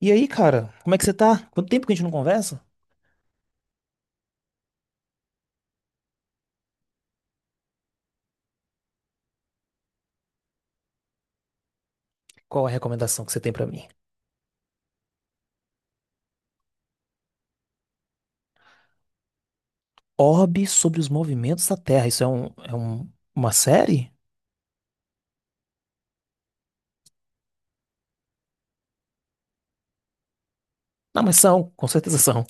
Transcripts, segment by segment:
E aí, cara, como é que você tá? Quanto tempo que a gente não conversa? Qual a recomendação que você tem pra mim? Orbe sobre os movimentos da Terra. Isso é uma série? Não, mas são, com certeza são.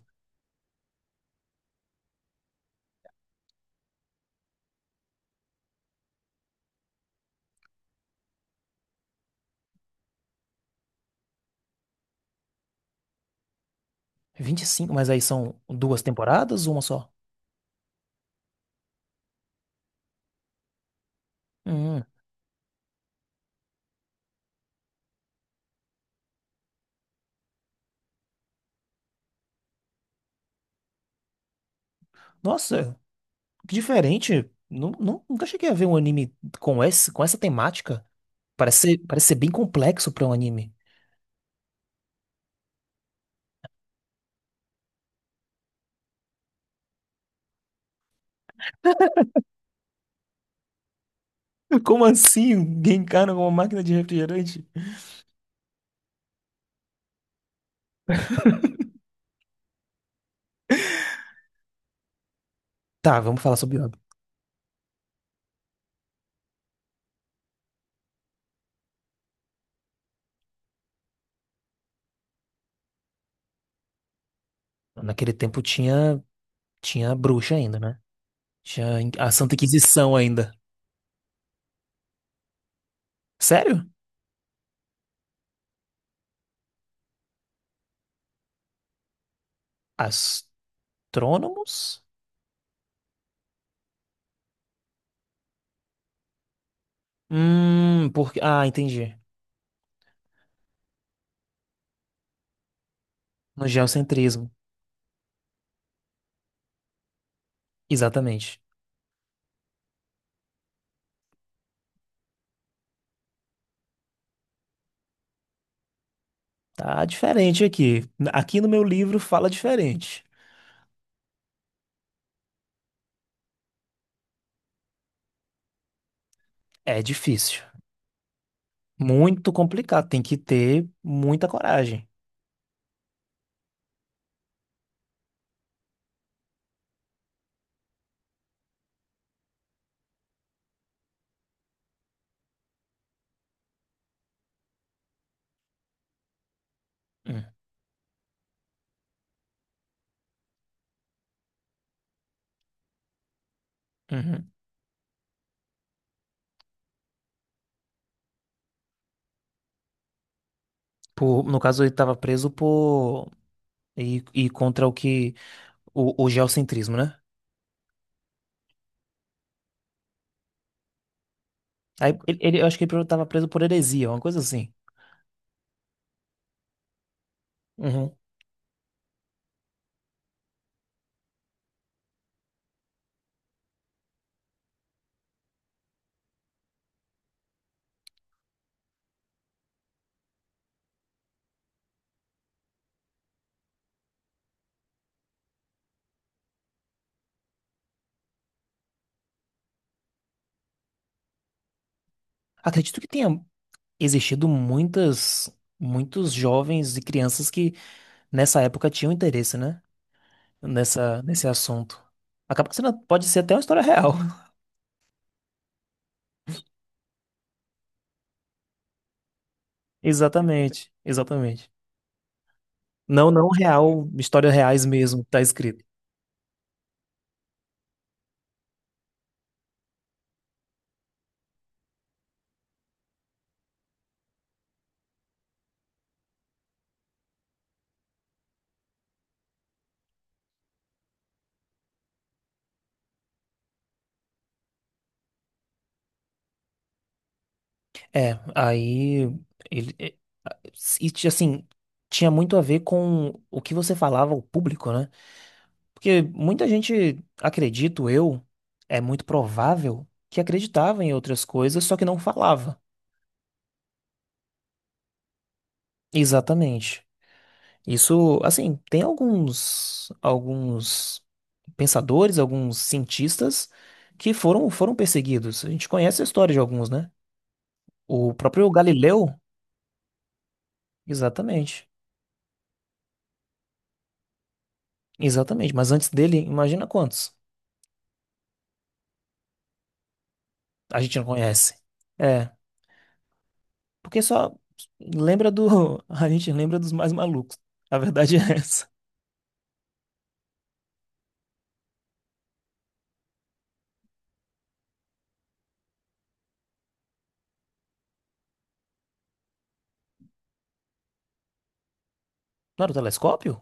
Vinte e cinco, mas aí são duas temporadas ou uma só? Hum, nossa, que diferente. Nunca cheguei a ver um anime com com essa temática. Parece ser bem complexo pra um anime. Como assim? Genkana com uma máquina de refrigerante? Tá, vamos falar sobre Orbe. Naquele tempo tinha, tinha bruxa ainda, né? Tinha a Santa Inquisição ainda. Sério? Astrônomos? Porque. Ah, entendi. No geocentrismo. Exatamente. Tá diferente aqui. Aqui no meu livro fala diferente. É difícil. Muito complicado. Tem que ter muita coragem. Hum, uhum. Por, no caso, ele estava preso por. E contra o que. O geocentrismo, né? Aí, eu acho que ele estava preso por heresia, uma coisa assim. Uhum. Acredito que tenha existido muitos jovens e crianças que nessa época tinham interesse, né? Nesse assunto. Acaba que sendo- pode ser até uma história real. Exatamente, exatamente. Não, não real, histórias reais mesmo, tá escrito. É, aí ele é, e ti- assim, tinha muito a ver com o que você falava ao público, né? Porque muita gente, acredito eu, é muito provável que acreditava em outras coisas, só que não falava. Exatamente. Isso, assim, tem alguns pensadores, alguns cientistas que foram perseguidos. A gente conhece a história de alguns, né? O próprio Galileu, exatamente. Exatamente, mas antes dele, imagina quantos a gente não conhece. É, porque só lembra do a gente lembra dos mais malucos. A verdade é essa. Não era o telescópio?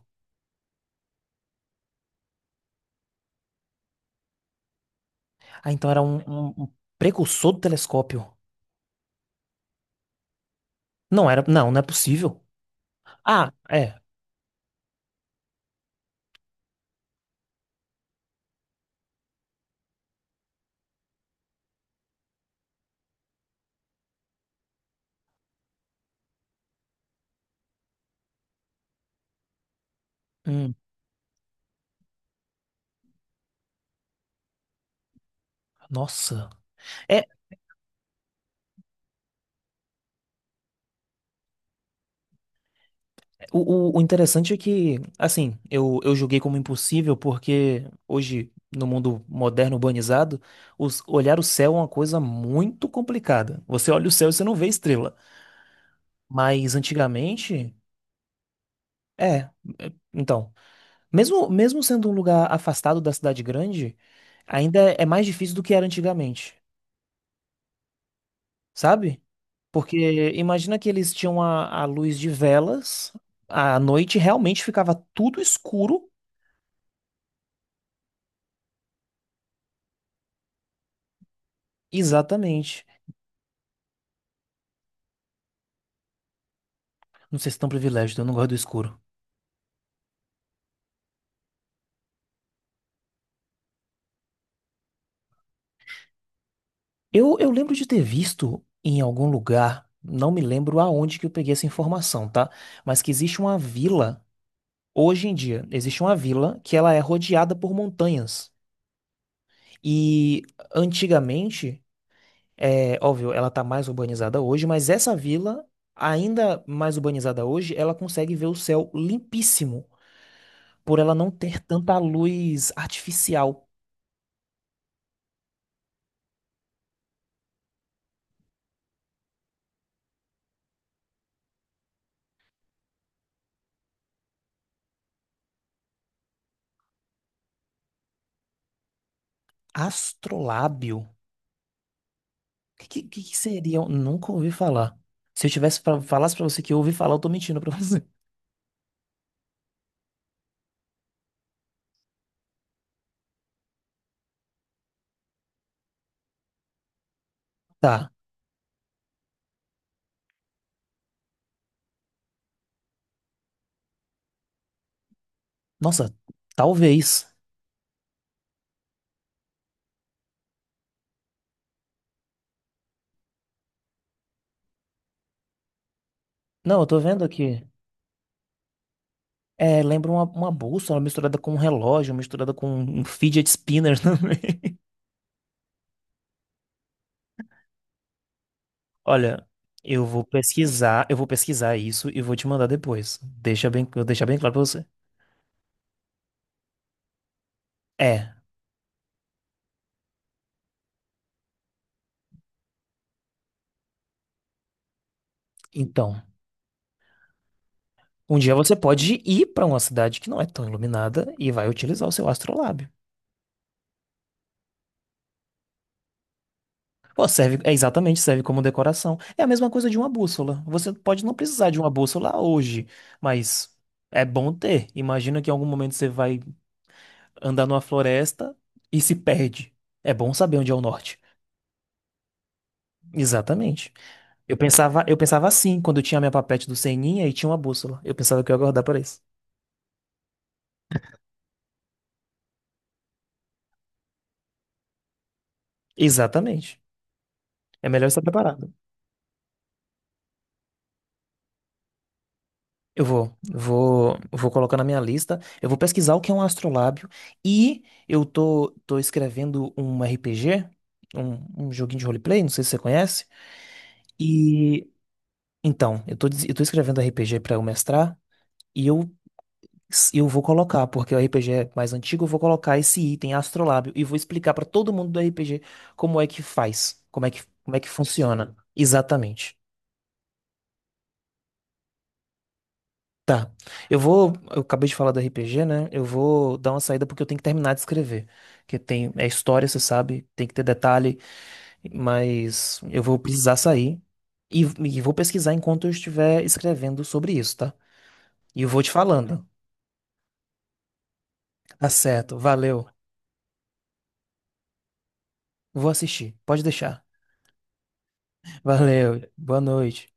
Ah, então era um precursor do telescópio. Não era, não, não é possível. Ah, é. Hum, nossa. É, o interessante é que, assim, eu julguei como impossível porque hoje, no mundo moderno urbanizado, os- olhar o céu é uma coisa muito complicada. Você olha o céu e você não vê estrela. Mas antigamente, é. Então, mesmo, mesmo sendo um lugar afastado da cidade grande, ainda é mais difícil do que era antigamente, sabe? Porque imagina que eles tinham a luz de velas, à noite realmente ficava tudo escuro, exatamente. Não sei se é tão privilégio, eu não gosto do escuro. Eu lembro de ter visto em algum lugar, não me lembro aonde que eu peguei essa informação, tá? Mas que existe uma vila, hoje em dia, existe uma vila que ela é rodeada por montanhas. E antigamente, é óbvio, ela tá mais urbanizada hoje, mas essa vila, ainda mais urbanizada hoje, ela consegue ver o céu limpíssimo, por ela não ter tanta luz artificial. Astrolábio. Que seria? Nunca ouvi falar. Se eu tivesse pra, falasse pra você que eu ouvi falar, eu tô mentindo pra você. Tá. Nossa, talvez. Não, eu tô vendo aqui. É, lembra uma bússola misturada com um relógio, misturada com um fidget spinner também. Olha, eu vou pesquisar isso e vou te mandar depois. Deixa bem, eu vou deixar bem claro pra você. É, então, um dia você pode ir pra uma cidade que não é tão iluminada e vai utilizar o seu astrolábio. Pô, serve, é exatamente, serve como decoração. É a mesma coisa de uma bússola. Você pode não precisar de uma bússola hoje, mas é bom ter. Imagina que em algum momento você vai andar numa floresta e se perde. É bom saber onde é o norte. Exatamente. Eu pensava assim quando eu tinha a minha papete do Seninha e tinha uma bússola. Eu pensava que eu ia guardar para isso. Exatamente. É melhor estar preparado. Eu vou, vou, vou colocar na minha lista. Eu vou pesquisar o que é um astrolábio e eu tô, tô escrevendo um RPG, um joguinho de roleplay, não sei se você conhece. E então, eu tô, des- eu tô escrevendo RPG para eu mestrar e eu vou colocar, porque o RPG é mais antigo, eu vou colocar esse item astrolábio e vou explicar para todo mundo do RPG como é que faz, como é que funciona. Exatamente. Tá. Eu vou. Eu acabei de falar do RPG, né? Eu vou dar uma saída porque eu tenho que terminar de escrever. Que tem. É história, você sabe. Tem que ter detalhe. Mas eu vou precisar sair. E vou pesquisar enquanto eu estiver escrevendo sobre isso, tá? E eu vou te falando. Tá certo. Valeu. Vou assistir. Pode deixar. Valeu. Boa noite.